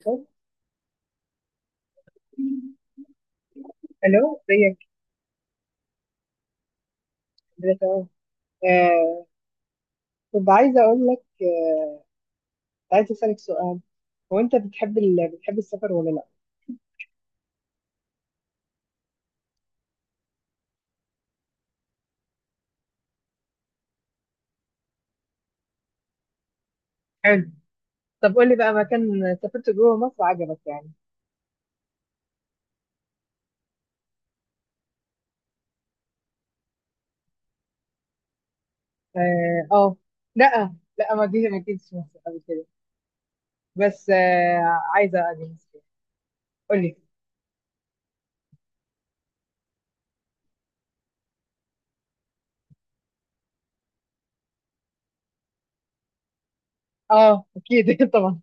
الو، ازيك؟ الحمد لله تمام. آه كنت عايزه اقول لك، كنت عايزه اسالك سؤال. هو انت بتحب بتحب السفر ولا لا؟ حلو. طب قول لي بقى مكان سافرت جوه مصر عجبك يعني. اه آه. لا ما جيتش مصر قبل كده، بس آه عايزه اجي مصر. قول لي. اه اكيد طبعا.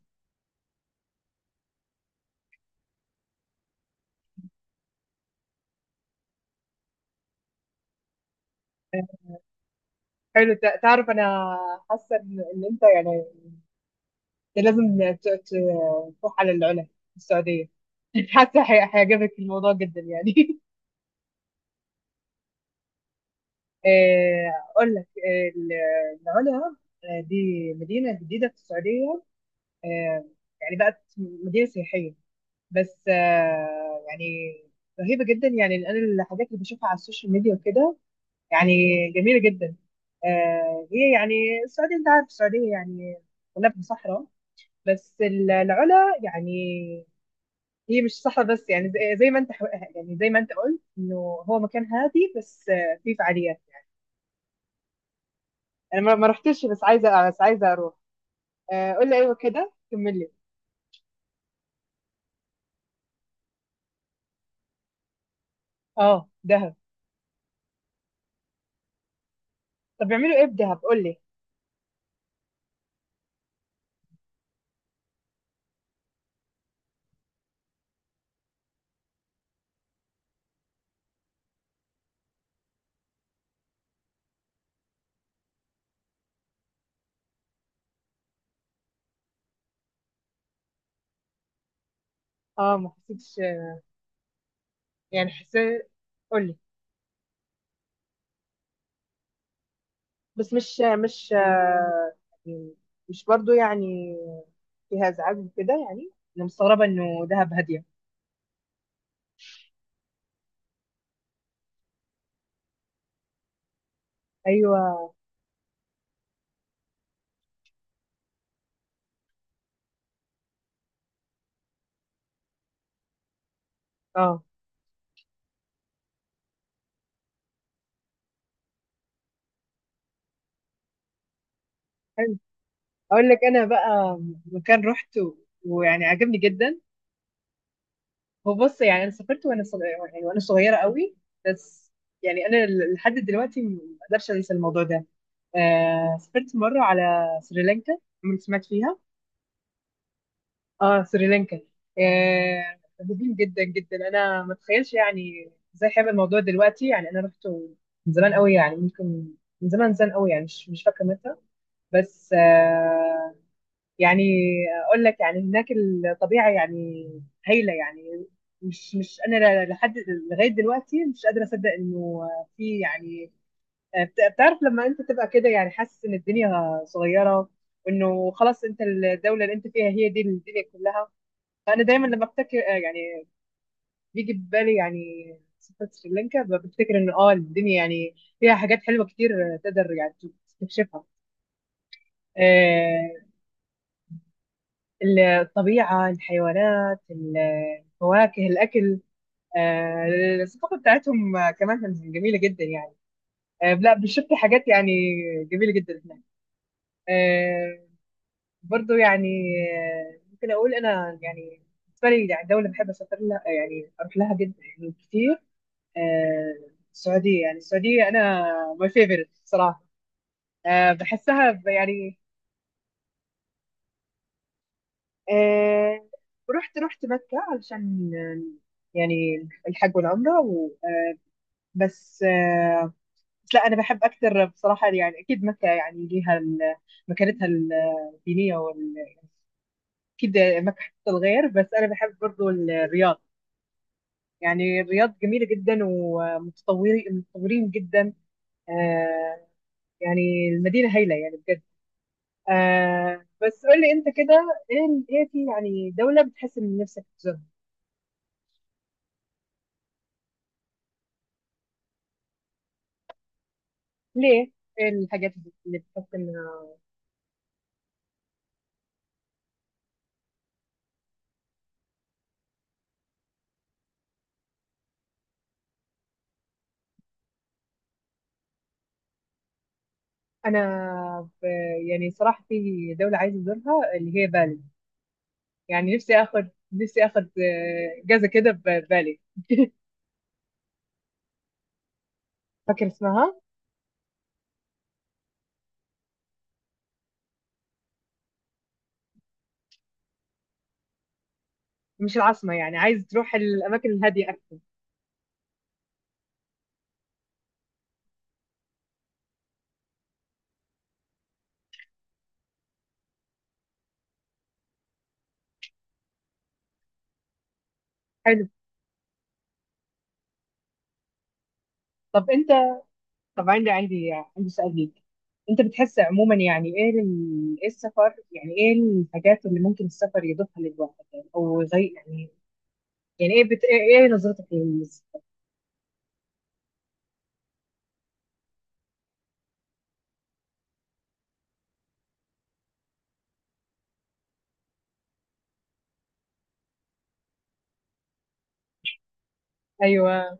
حلو. تعرف انا حاسه إن انت يعني، إنت لازم تروح على العلا السعوديه. حاسه هيعجبك الموضوع جدا يعني. أقول لك، العلا، دي مدينة جديدة في السعودية. آه، يعني بقت مدينة سياحية، بس يعني رهيبة جدا. يعني أنا الحاجات اللي بشوفها على السوشيال ميديا وكده، يعني جميلة جدا. هي يعني السعودية، أنت عارف السعودية يعني كلها في صحراء، بس العلا يعني هي مش صحراء بس. يعني زي زي ما أنت يعني زي ما أنت قلت إنه هو مكان هادي، بس فيه فعاليات. انا ما رحتش، بس عايزه بس عايزه اروح. قول لي، ايوه كده كمل لي. اه دهب. طب بيعملوا ايه في دهب، قول لي؟ اه ما حسيتش. يعني حسيت. قول لي. بس مش يعني مش برضو يعني فيها ازعاج وكده. يعني انا مستغربه انه دهب هاديه. ايوه. اه. حلو. اقول لك انا بقى مكان رحته ويعني عجبني جدا. هو بص، يعني انا سافرت وانا صغيره، يعني وانا صغيره قوي، بس يعني انا لحد دلوقتي ما اقدرش انسى الموضوع ده. آه سافرت مره على سريلانكا. عمرك سمعت فيها؟ اه سريلانكا. آه رهيبين جدا جدا. انا ما اتخيلش يعني ازاي حابب الموضوع دلوقتي. يعني انا رحت من زمان قوي، يعني ممكن من زمان زمان قوي، يعني مش فاكره متى، بس آه يعني اقول لك، يعني هناك الطبيعه يعني هايله يعني. مش مش انا لحد لغايه دلوقتي مش قادره اصدق انه في يعني، بتعرف لما انت تبقى كده يعني حاسس ان الدنيا صغيره، وانه خلاص انت الدوله اللي انت فيها هي دي الدنيا كلها. فانا دايما لما افتكر يعني بيجي ببالي يعني سفرة سريلانكا، بفتكر ان اه الدنيا يعني فيها حاجات حلوه كتير تقدر يعني تستكشفها. الطبيعة، الحيوانات، الفواكه، الأكل، آه، الثقافة بتاعتهم كمان كانت جميلة جدا يعني. لا بشفت حاجات يعني جميلة جدا هناك. آه، برضو يعني ممكن أقول أنا يعني بالنسبة لي يعني دولة بحب أسافر لها، يعني أروح لها جدا يعني كتير، آه، السعودية. يعني السعودية أنا my favorite صراحة. بحسها يعني. آه رحت رحت مكة علشان يعني الحج والعمرة و... آه بس آه، بس لا أنا بحب أكثر بصراحة. يعني أكيد مكة يعني ليها مكانتها الدينية أكيد مكة حتة الغير، بس أنا بحب برضو الرياض. يعني الرياض جميلة جدا، ومتطورين متطورين جدا. آه يعني المدينة هايلة يعني بجد. آه بس قول لي أنت كده، إيه في يعني دولة بتحس إن نفسك تزورها؟ ليه؟ ايه الحاجات اللي بتحس انها؟ انا ب... يعني صراحه في دوله عايزه ازورها اللي هي بالي، يعني نفسي اخد جزء كده ببالي. فاكر اسمها؟ مش العاصمه، يعني عايز تروح الاماكن الهاديه اكتر. حلو. طب انت، طب عندي سؤال ليك. انت بتحس عموما يعني ايه ايه السفر يعني، ايه الحاجات اللي ممكن السفر يضيفها للواحد يعني او يغير يعني، يعني ايه ايه إيه نظرتك ايوه.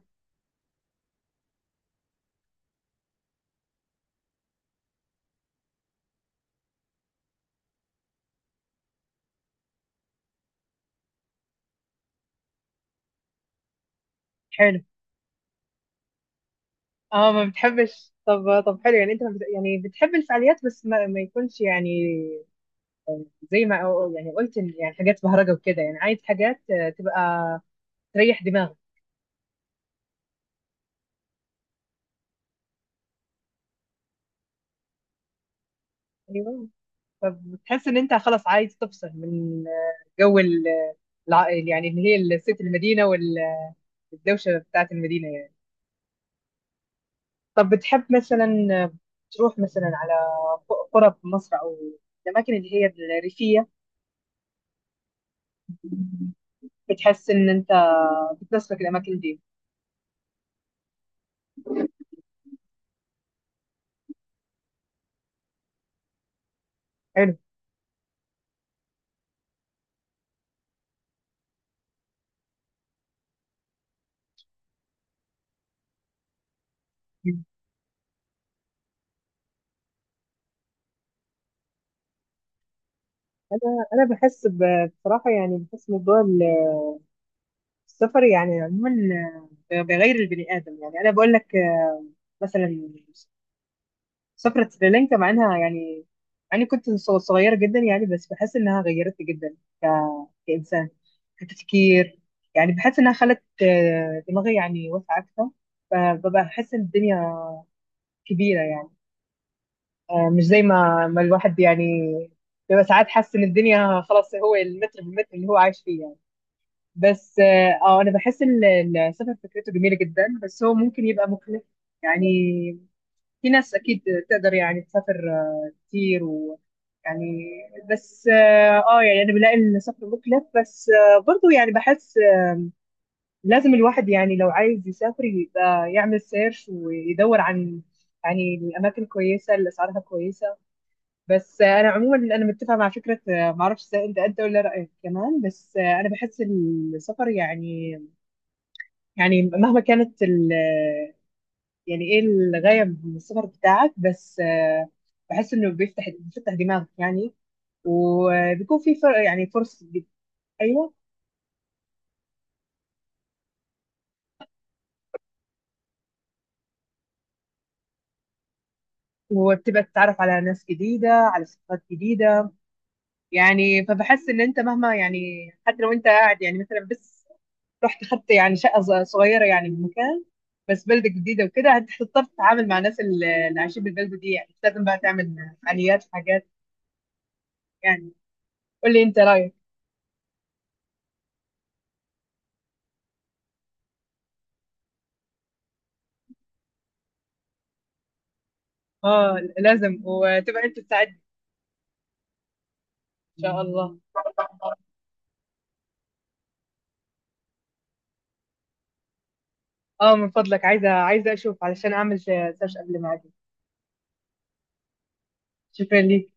حلو. اه ما بتحبش. طب طب حلو، يعني انت ما يعني بتحب الفعاليات، بس ما يكونش يعني زي ما يعني قلت إن يعني حاجات بهرجه وكده. يعني عايز حاجات تبقى تريح دماغك. ايوه، فبتحس ان انت خلاص عايز تفصل من جو يعني اللي هي ست المدينه والدوشه بتاعت المدينه يعني. طب بتحب مثلا آه، تروح مثلا على قرى في مصر، او الاماكن اللي هي الريفيه؟ بتحس ان انت بتناسبك الاماكن دي؟ حلو. انا انا بحس بصراحه، يعني بحس موضوع السفر يعني عموما بغير البني ادم. يعني انا بقول لك مثلا سفرة سريلانكا مع انها يعني، يعني كنت صغيره جدا يعني، بس بحس انها غيرتني جدا ك... كانسان، كتفكير. يعني بحس انها خلت دماغي يعني واسعه اكثر. فببقى بحس ان الدنيا كبيره يعني، مش زي ما الواحد يعني بيبقى ساعات حاسس ان الدنيا خلاص هو المتر بالمتر اللي هو عايش فيه يعني. بس اه انا بحس ان السفر فكرته جميله جدا، بس هو ممكن يبقى مكلف يعني. في ناس اكيد تقدر يعني تسافر كتير و يعني، بس اه يعني انا بلاقي ان السفر مكلف، بس برضو يعني بحس لازم الواحد يعني لو عايز يسافر يبقى يعمل سيرش ويدور عن يعني الاماكن كويسه اللي اسعارها كويسه. بس انا عموما انا متفقه مع فكره معرفش إذا انت ولا رايك كمان، بس انا بحس السفر يعني، يعني مهما كانت ال يعني ايه الغاية من السفر بتاعك، بس بحس انه بيفتح دماغك يعني. وبيكون في يعني ايوه. وبتبقى تتعرف على ناس جديدة، على ثقافات جديدة. يعني فبحس ان انت مهما يعني حتى لو انت قاعد يعني مثلا بس رحت خدت يعني شقة صغيرة يعني بمكان، بس بلدة جديدة وكده هتضطر تتعامل مع الناس اللي عايشين بالبلدة دي يعني، مش لازم بقى تعمل فعاليات وحاجات يعني. قول لي انت رأيك. اه لازم، وتبقى انت تساعدني. ان شاء الله. اه من فضلك، عايزه اشوف علشان اعمل سيرش قبل ما اجي. شكرا ليك.